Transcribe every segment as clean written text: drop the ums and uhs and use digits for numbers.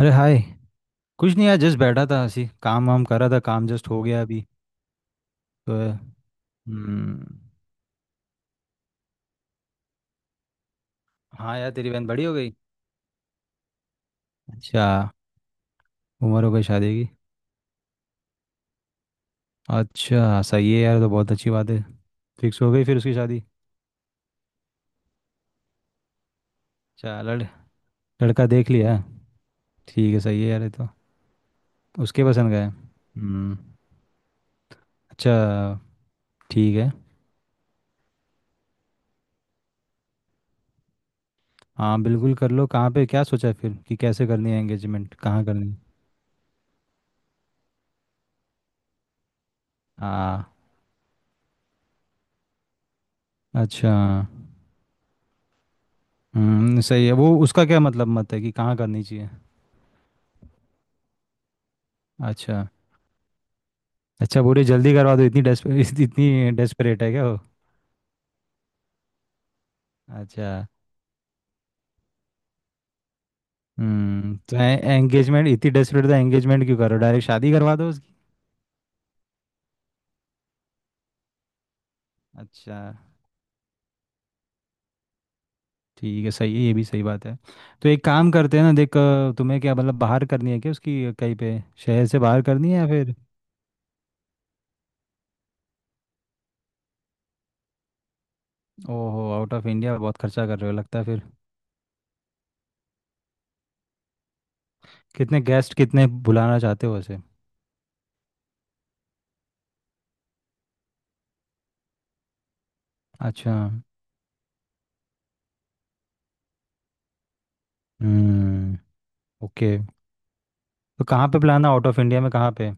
अरे हाय। कुछ नहीं यार, जस्ट बैठा था, ऐसी काम वाम कर रहा था, काम जस्ट हो गया अभी तो। हम्म। हाँ यार, तेरी बहन बड़ी हो गई। अच्छा। उम्र हो गई शादी की। अच्छा सही है यार, तो बहुत अच्छी बात है। फिक्स हो गई फिर उसकी शादी? अच्छा, लड़का देख लिया? ठीक है, सही है यार, ये तो। उसके पसंद का है। हम्म। अच्छा। ठीक है। हाँ बिल्कुल कर लो। कहाँ पे क्या सोचा है फिर कि कैसे करनी है एंगेजमेंट, कहाँ करनी है? हाँ। अच्छा। हम्म, सही है। वो उसका क्या मतलब मत है कि कहाँ करनी चाहिए? अच्छा। अच्छा पूरी जल्दी करवा दो, इतनी डेस्परेट इतनी डेस्परेट है क्या वो? अच्छा। हम्म, तो एंगेजमेंट इतनी डेस्परेट था? एंगेजमेंट क्यों करो, डायरेक्ट शादी करवा दो उसकी। अच्छा। ठीक है, सही है, ये भी सही बात है। तो एक काम करते हैं ना, देख तुम्हें क्या मतलब बाहर करनी है क्या उसकी कहीं पे? शहर से बाहर करनी है या फिर? ओहो, आउट ऑफ इंडिया, बहुत खर्चा कर रहे हो लगता है फिर। कितने गेस्ट कितने बुलाना चाहते हो वैसे? अच्छा। हम्म। ओके। तो कहाँ पे प्लान है आउट ऑफ इंडिया में, कहाँ पे?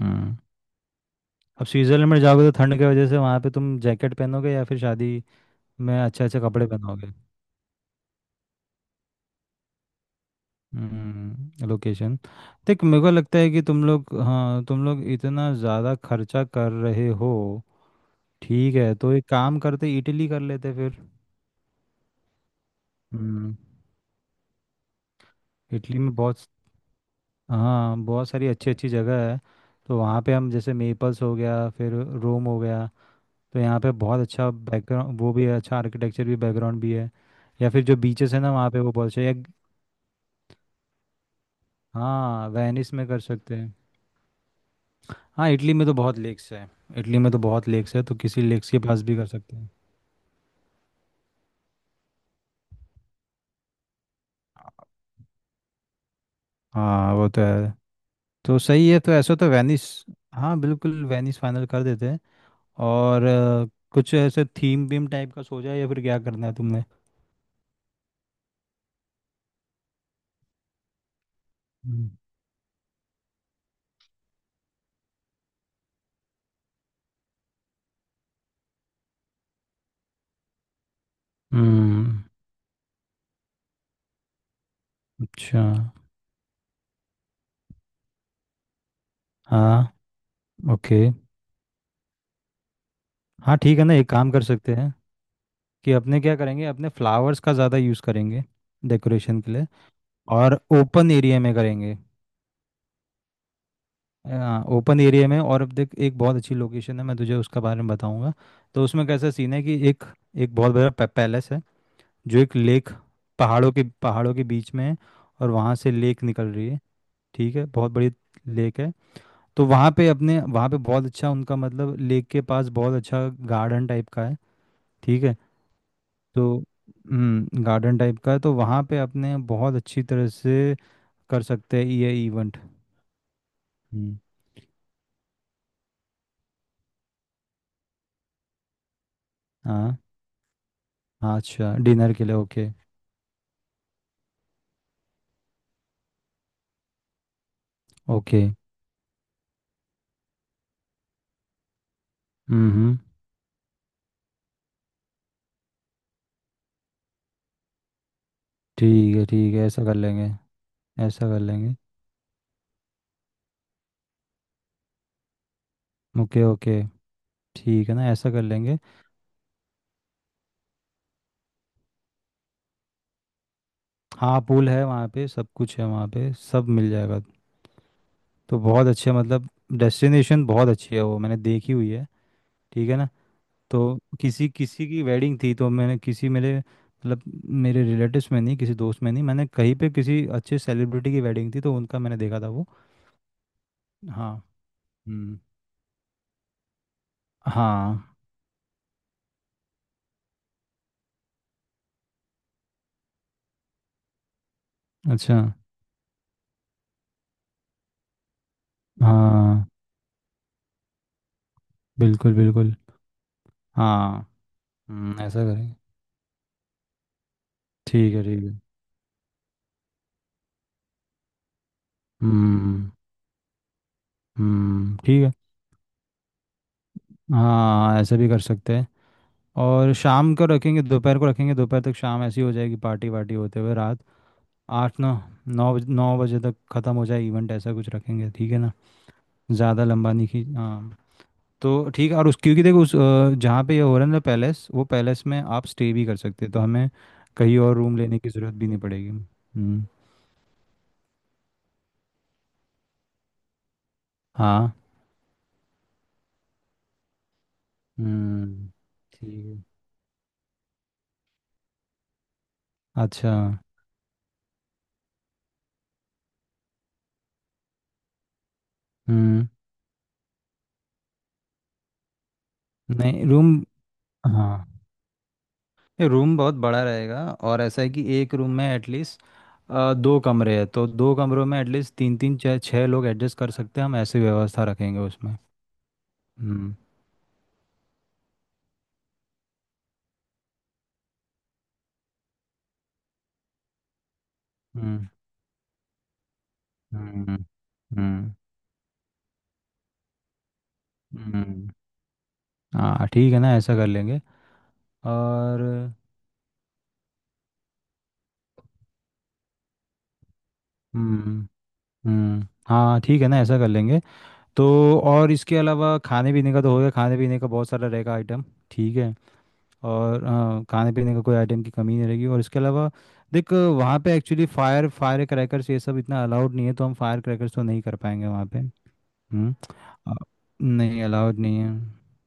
हम्म। अब स्विट्जरलैंड में जाओगे तो ठंड की वजह से वहाँ पे तुम जैकेट पहनोगे या फिर शादी में अच्छे अच्छे कपड़े पहनोगे? हम्म, लोकेशन। देख मेरे को लगता है कि तुम लोग, हाँ तुम लोग इतना ज़्यादा खर्चा कर रहे हो। ठीक है, तो एक काम करते, इटली कर लेते फिर। हम्म। इटली में बहुत हाँ बहुत सारी अच्छी अच्छी जगह है। तो वहाँ पे हम जैसे मेपल्स हो गया, फिर रोम हो गया। तो यहाँ पे बहुत अच्छा बैकग्राउंड वो भी है, अच्छा आर्किटेक्चर भी, बैकग्राउंड भी है। या फिर जो बीचेस है ना वहाँ पे, वो बहुत अच्छा है। हाँ वेनिस में कर सकते हैं। हाँ इटली में तो बहुत लेक्स है। इटली में तो बहुत लेक्स है, तो किसी लेक्स के पास भी कर सकते हैं। हाँ वो तो है। तो सही है, तो ऐसा तो वेनिस। हाँ बिल्कुल, वेनिस फाइनल कर देते हैं। और कुछ ऐसे थीम वीम टाइप का सोचा है या फिर क्या करना है तुमने? हम्म। हम्म, अच्छा। हाँ। ओके। हाँ ठीक है ना, एक काम कर सकते हैं कि अपने क्या करेंगे, अपने फ्लावर्स का ज़्यादा यूज़ करेंगे डेकोरेशन के लिए। और ओपन एरिया में करेंगे। हाँ ओपन एरिया में। और अब देख, एक बहुत अच्छी लोकेशन है, मैं तुझे उसका बारे में बताऊंगा। तो उसमें कैसा सीन है कि एक, एक बहुत बड़ा पैलेस है, जो एक लेक, पहाड़ों के बीच में है। और वहाँ से लेक निकल रही है। ठीक है, बहुत बड़ी लेक है। तो वहाँ पे अपने, वहाँ पे बहुत अच्छा उनका मतलब लेक के पास बहुत अच्छा गार्डन टाइप का है। ठीक है। तो हम्म, गार्डन टाइप का है तो वहाँ पे अपने बहुत अच्छी तरह से कर सकते हैं ये इवेंट। हम्म। हाँ। हाँ, अच्छा डिनर के लिए, ओके। ओके। हम्म। ठीक है। ठीक है, ऐसा कर लेंगे। ऐसा कर लेंगे। ओके ओके, ठीक है ना, ऐसा कर लेंगे। हाँ पूल है वहाँ पे, सब कुछ है वहाँ पे, सब मिल जाएगा। तो बहुत अच्छे मतलब डेस्टिनेशन बहुत अच्छी है, वो मैंने देखी हुई है। ठीक है ना। तो किसी किसी की वेडिंग थी, तो मैंने किसी मेरे मतलब मेरे रिलेटिव्स में नहीं, किसी दोस्त में नहीं, मैंने कहीं पे किसी अच्छे सेलिब्रिटी की वेडिंग थी तो उनका मैंने देखा था वो। हाँ। हम्म। हाँ। अच्छा। हाँ। बिल्कुल बिल्कुल। हाँ। ऐसा करें। ठीक है ठीक है। हम्म। ठीक है। हाँ ऐसे भी कर सकते हैं। और शाम को रखेंगे, दोपहर को रखेंगे, दोपहर तक शाम ऐसी हो जाएगी, पार्टी वार्टी होते हुए रात 8, 9, नौ बज- 9 बजे तक ख़त्म हो जाए इवेंट, ऐसा कुछ रखेंगे, ठीक है ना। ज़्यादा लंबा नहीं खींच, हाँ। तो ठीक है। और उस क्योंकि देखो उस जहाँ पे ये हो रहा है ना पैलेस, वो पैलेस में आप स्टे भी कर सकते हैं, तो हमें कहीं और रूम लेने की ज़रूरत भी नहीं पड़ेगी। हम्म। हाँ। हम्म। ठीक है। अच्छा। हम्म। नहीं, रूम, हाँ, ये रूम बहुत बड़ा रहेगा। और ऐसा है कि एक रूम में एटलीस्ट, 2 कमरे हैं तो 2 कमरों में एटलीस्ट तीन तीन छः छः लोग एडजस्ट कर सकते हैं, हम ऐसी व्यवस्था रखेंगे उसमें। हम्म। हम्म। हम्म। हम्म। हम्म, हाँ ठीक है ना, ऐसा कर लेंगे। और। हम्म। हाँ, ठीक है ना, ऐसा कर लेंगे। तो। और इसके अलावा खाने पीने का तो हो गया, खाने पीने का बहुत सारा रहेगा आइटम। ठीक है। और हाँ, खाने पीने का कोई आइटम की कमी नहीं रहेगी। और इसके अलावा देख, वहाँ पे एक्चुअली फायर फायर क्रैकर्स ये सब इतना अलाउड नहीं है, तो हम फायर क्रैकर्स तो नहीं कर पाएंगे वहाँ पे। हम्म। अ, नहीं अलाउड नहीं है।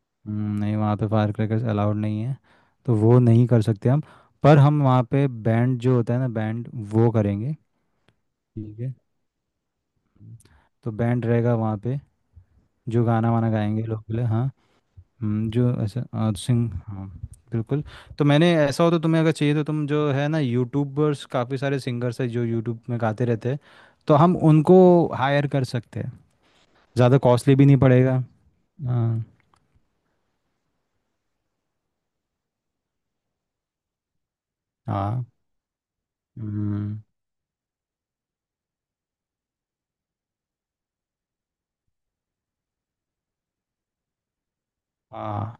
नहीं, वहाँ पे फायर क्रैकर्स अलाउड नहीं है। तो वो नहीं कर सकते हम। पर हम वहाँ पे बैंड, जो होता है ना बैंड, वो करेंगे। ठीक है। हम्म, तो बैंड रहेगा वहाँ पे। जो गाना वाना गाएंगे लोग, बोले हाँ। जो ऐसा आज सिंह, हाँ। बिल्कुल। तो मैंने ऐसा, हो तो तुम्हें अगर चाहिए तो तुम, जो है ना यूट्यूबर्स काफ़ी सारे सिंगर्स है जो यूट्यूब में गाते रहते हैं, तो हम उनको हायर कर सकते हैं। ज़्यादा कॉस्टली भी नहीं पड़ेगा। हाँ। हाँ। हम्म, हाँ।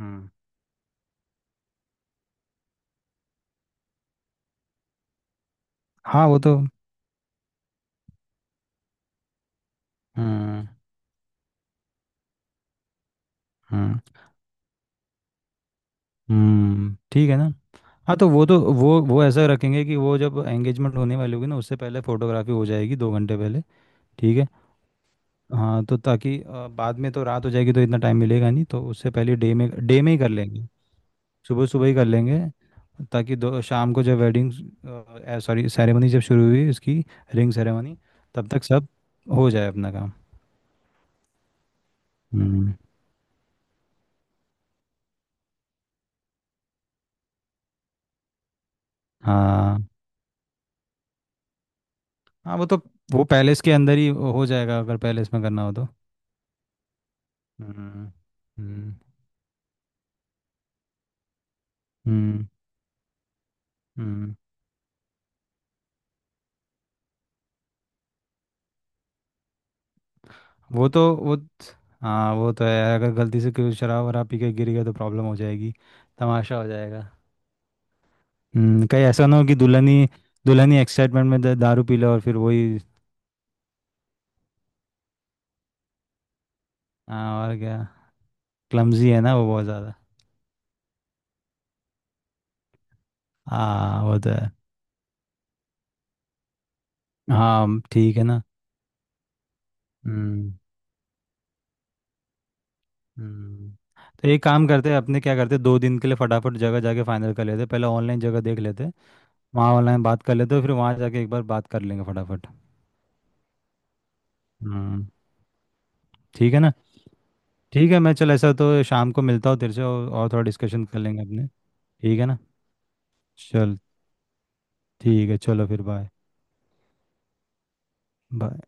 हम्म, हाँ वो तो। हम्म। हम्म। ठीक है ना। हाँ तो वो तो वो ऐसा रखेंगे कि वो जब एंगेजमेंट होने वाली होगी ना, उससे पहले फोटोग्राफी हो जाएगी, 2 घंटे पहले। ठीक है। हाँ तो ताकि बाद में तो रात हो जाएगी तो इतना टाइम मिलेगा नहीं, तो उससे पहले डे में, डे में ही कर लेंगे। सुबह सुबह ही कर लेंगे। ताकि दो शाम को जब वेडिंग, सॉरी सेरेमनी, जब शुरू हुई इसकी, रिंग सेरेमनी, तब तक सब हो जाए अपना काम। हम्म। हाँ। हाँ वो तो, वो पैलेस के अंदर ही हो जाएगा अगर पैलेस में करना हो तो। हम्म। हम्म। हम्म। हम्म। वो तो वो, हाँ वो तो है, अगर गलती से कोई शराब वराब पी के गिर गया तो प्रॉब्लम हो जाएगी। तमाशा हो जाएगा। हम्म, कहीं ऐसा ना हो कि दुल्हनी, दुल्हनी एक्साइटमेंट में दारू पी ले और फिर वही। हाँ और क्या। क्लमजी है ना वो बहुत ज़्यादा। हाँ वो तो है। हाँ ठीक है ना। हम्म। हम्म। तो एक काम करते हैं, अपने क्या करते हैं, 2 दिन के लिए फटाफट जगह जाके फाइनल कर लेते हैं, पहले ऑनलाइन जगह देख लेते हैं, वहाँ ऑनलाइन बात कर लेते हैं, फिर वहाँ जाके एक बार बात कर लेंगे फटाफट। हम्म। ठीक है ना। ठीक है, मैं चल ऐसा तो शाम को मिलता हूँ तेरे से, और थोड़ा डिस्कशन कर लेंगे अपने। ठीक है ना। चल ठीक है, चलो फिर बाय। बाय।